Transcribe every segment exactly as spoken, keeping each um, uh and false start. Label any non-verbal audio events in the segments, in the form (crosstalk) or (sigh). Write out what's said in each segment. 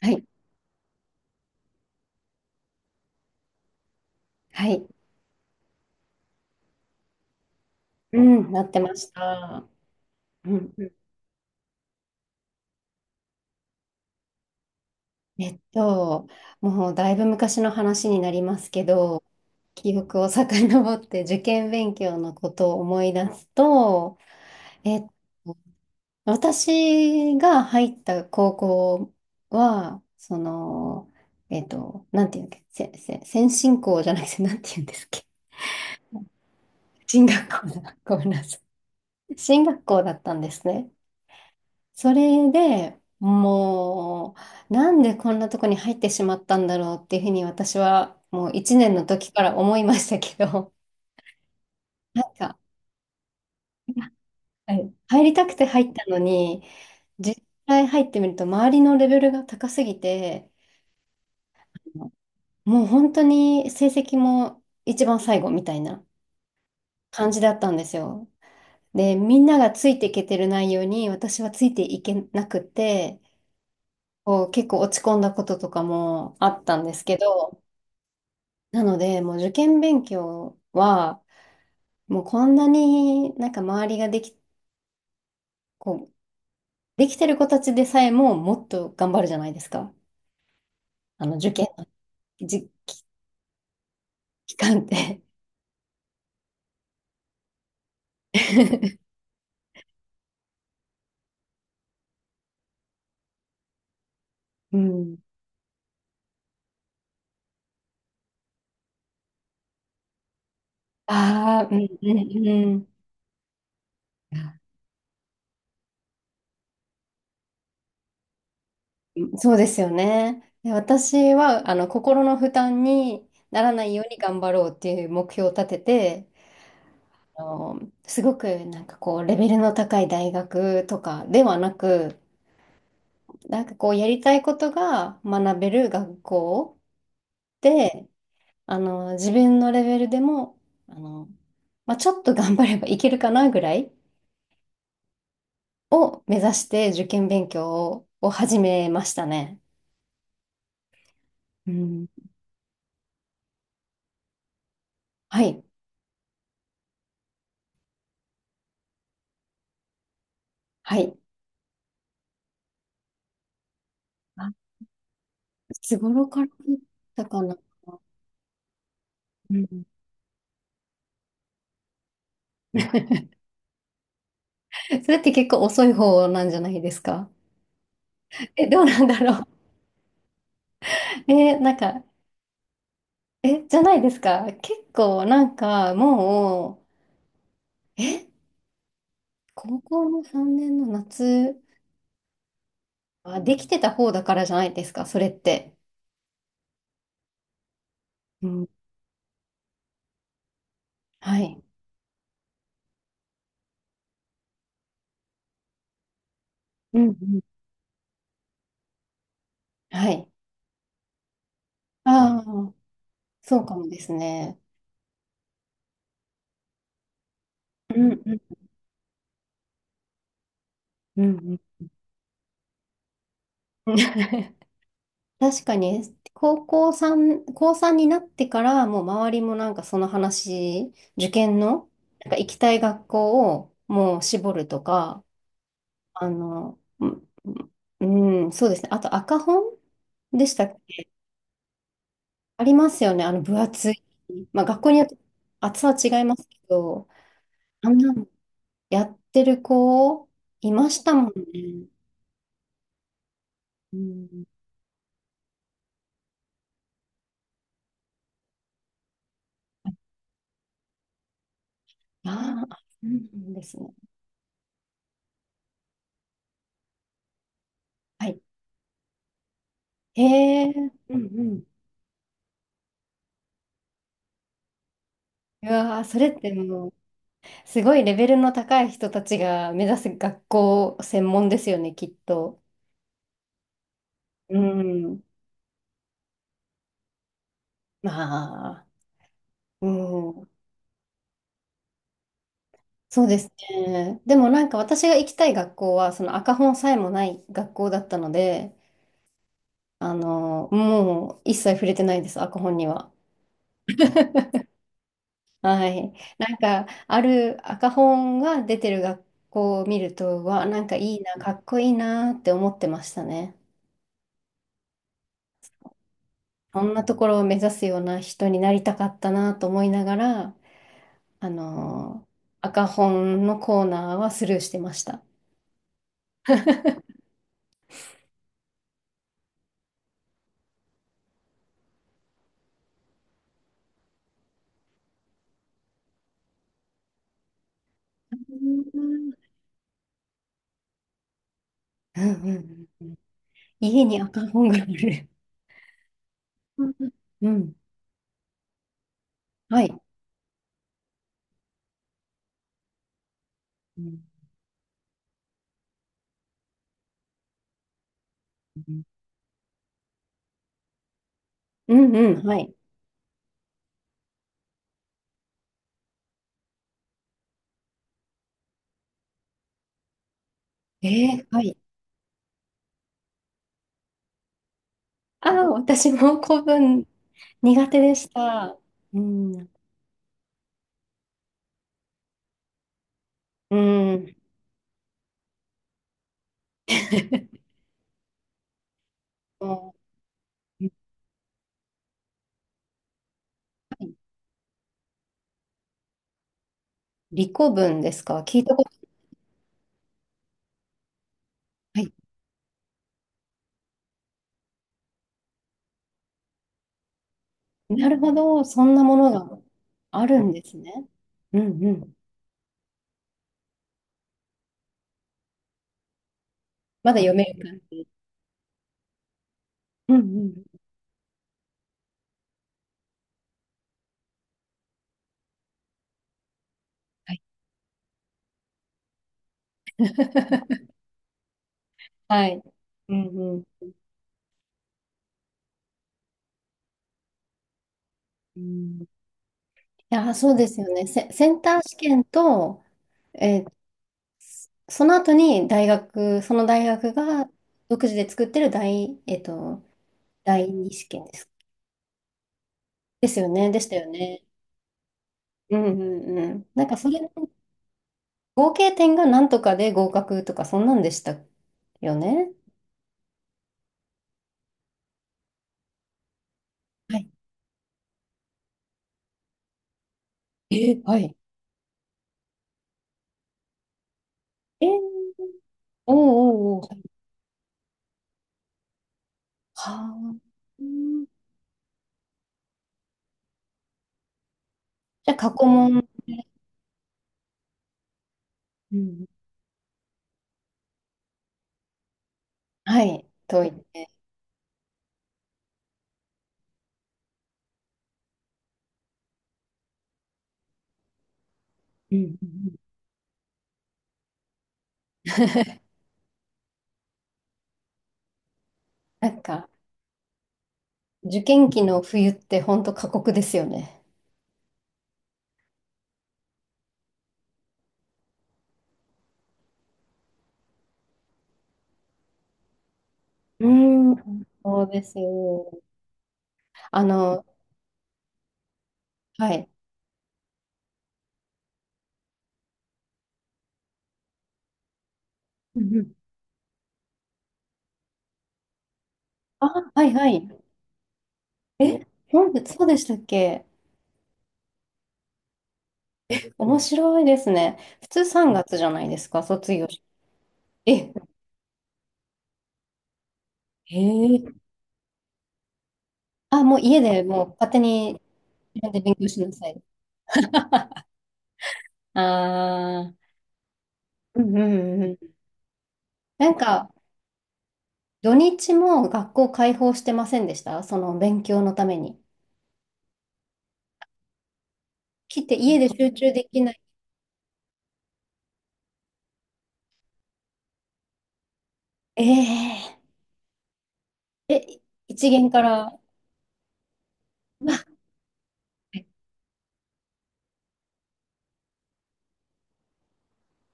はい、はい。うん、なってました。うん、うん、えっと、もうだいぶ昔の話になりますけど、記憶を遡って受験勉強のことを思い出すと、えっと、私が入った高校は、その、えっと、なんていうんだっけ、せ、せ、先進校じゃなくて、なんていうんですっけ、進学校だ、ごめんなさい。進学校だったんですね。それでもう、なんでこんなとこに入ってしまったんだろうっていうふうに私はもういちねんの時から思いましたけど、(laughs) なんか、はい、入りたくて入ったのに、実際入ってみると周りのレベルが高すぎて、もう本当に成績も一番最後みたいな感じだったんですよ。で、みんながついていけてる内容に私はついていけなくて、こう結構落ち込んだこととかもあったんですけど、なので、もう受験勉強は、もうこんなになんか周りができ、こう、できてる子たちでさえももっと頑張るじゃないですか。あの、受験の時期間って。(laughs) うん。(laughs) ああ、うんうんうん。そうですよね。で私は、あの、心の負担にならないように頑張ろうっていう目標を立てて、あの、すごくなんかこう、レベルの高い大学とかではなく、なんかこうやりたいことが学べる学校で、あの自分のレベルでも、あの、まあ、ちょっと頑張ればいけるかなぐらいを目指して受験勉強を、を始めましたね。うん。はい。はい。あ、いつ頃からだったかな。うん、 (laughs) それって結構遅い方なんじゃないですか。え、どうなんだろう。(laughs) え、なんか、え、じゃないですか。結構なんかもう、え高校のさんねんの夏はできてた方だからじゃないですか、それって。うん。はい。うん、うん。はい。ああ、そうかもですね。うん、うん、うん、うん。 (laughs)。確かに、高校さん、高さんになってから、もう周りもなんかその話、受験の、なんか行きたい学校をもう絞るとか、あの、うん、うん、そうですね。あと赤本でしたっありますよね。あの、分厚い。まあ、学校によって厚さは違いますけど、あんなのやってる子、いましたもんね。うん。ああ、そうなんですね。はい。へえ、うんうん。うわあ、それってもう、すごいレベルの高い人たちが目指す学校専門ですよね、きっと。うん。まあ、うん。そうですね。でもなんか私が行きたい学校は、その赤本さえもない学校だったので、あの、もう一切触れてないです、赤本には。はい。なんか、ある赤本が出てる学校を見ると、わなんかいいな、かっこいいなって思ってましたね。そんなところを目指すような人になりたかったなと思いながら、あの、赤本のコーナーはスルーしてました。うんうんうんうん。家に赤本がある。うんうん。はい。うんうん、うん、はい。えー、はい。ああ、私も古文苦手でした。うん。うん。もう理古文ですか、聞いたことない。なるほど。そんなものがあるんですね。うんうん。まだ読める感じ。うんうん。はい。(laughs) はい。うんうん。うん、いや、そうですよね。セ、センター試験と、えーその後に大学、その大学が独自で作ってる大、えっと、だいにしけんです。ですよね。でしたよね。うんうんうん。なんかそれ、合計点がなんとかで合格とか、そんなんでしたよね。はい。え、はい。えー、おうおうおう。はあ。うん、じゃあ、過去問で、うん、はい、解いて。うんうんうん、なんか、受験期の冬って本当過酷ですよね。うん。そうですよ。あの、はい。うんうん、あ、はいはい。え、なんで、そうでしたっけ。面白いですね。普通うさんがつじゃないですか、卒業式。え、へえ。あ、もう家でもう勝手に自分で勉強しなさい。ああ、うんうんうん。なんか、土日も学校開放してませんでした、その勉強のために。来て家で集中できない。えええ、いちげんから。うわ、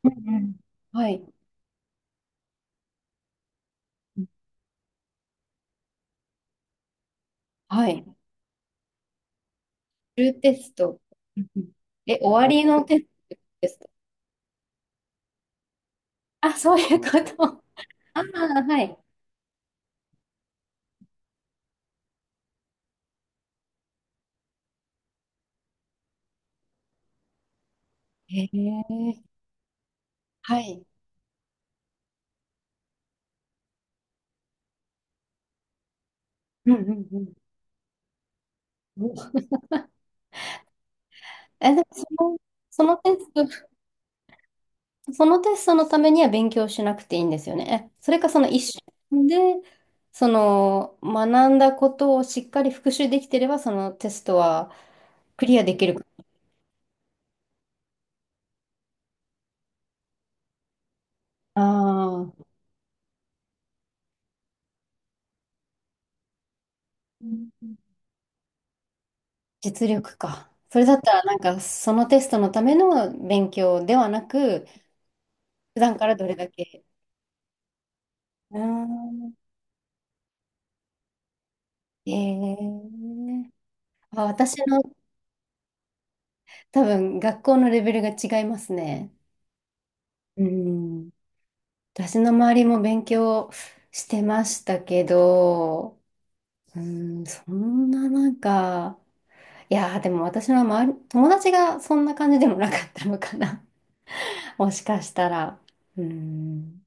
うんうん、はい。はい。中テスト。うんうん、え、終わりのテストですか、あ、そういうこと。ああ、はい。へえ、はい。うんうんうん。え、でもその、そのテスト、そのテストのためには勉強しなくていいんですよね。え、それかそのいっしゅうかんで、その、学んだことをしっかり復習できてれば、そのテストはクリアできるか。ああ、実力か。それだったら、なんか、そのテストのための勉強ではなく、普段からどれだけ。うん。ええ、あ、私の多分学校のレベルが違いますね。うん。私の周りも勉強してましたけど、うん、そんななんか、いやー、でも私の周り、友達がそんな感じでもなかったのかな。(laughs) もしかしたら。うん。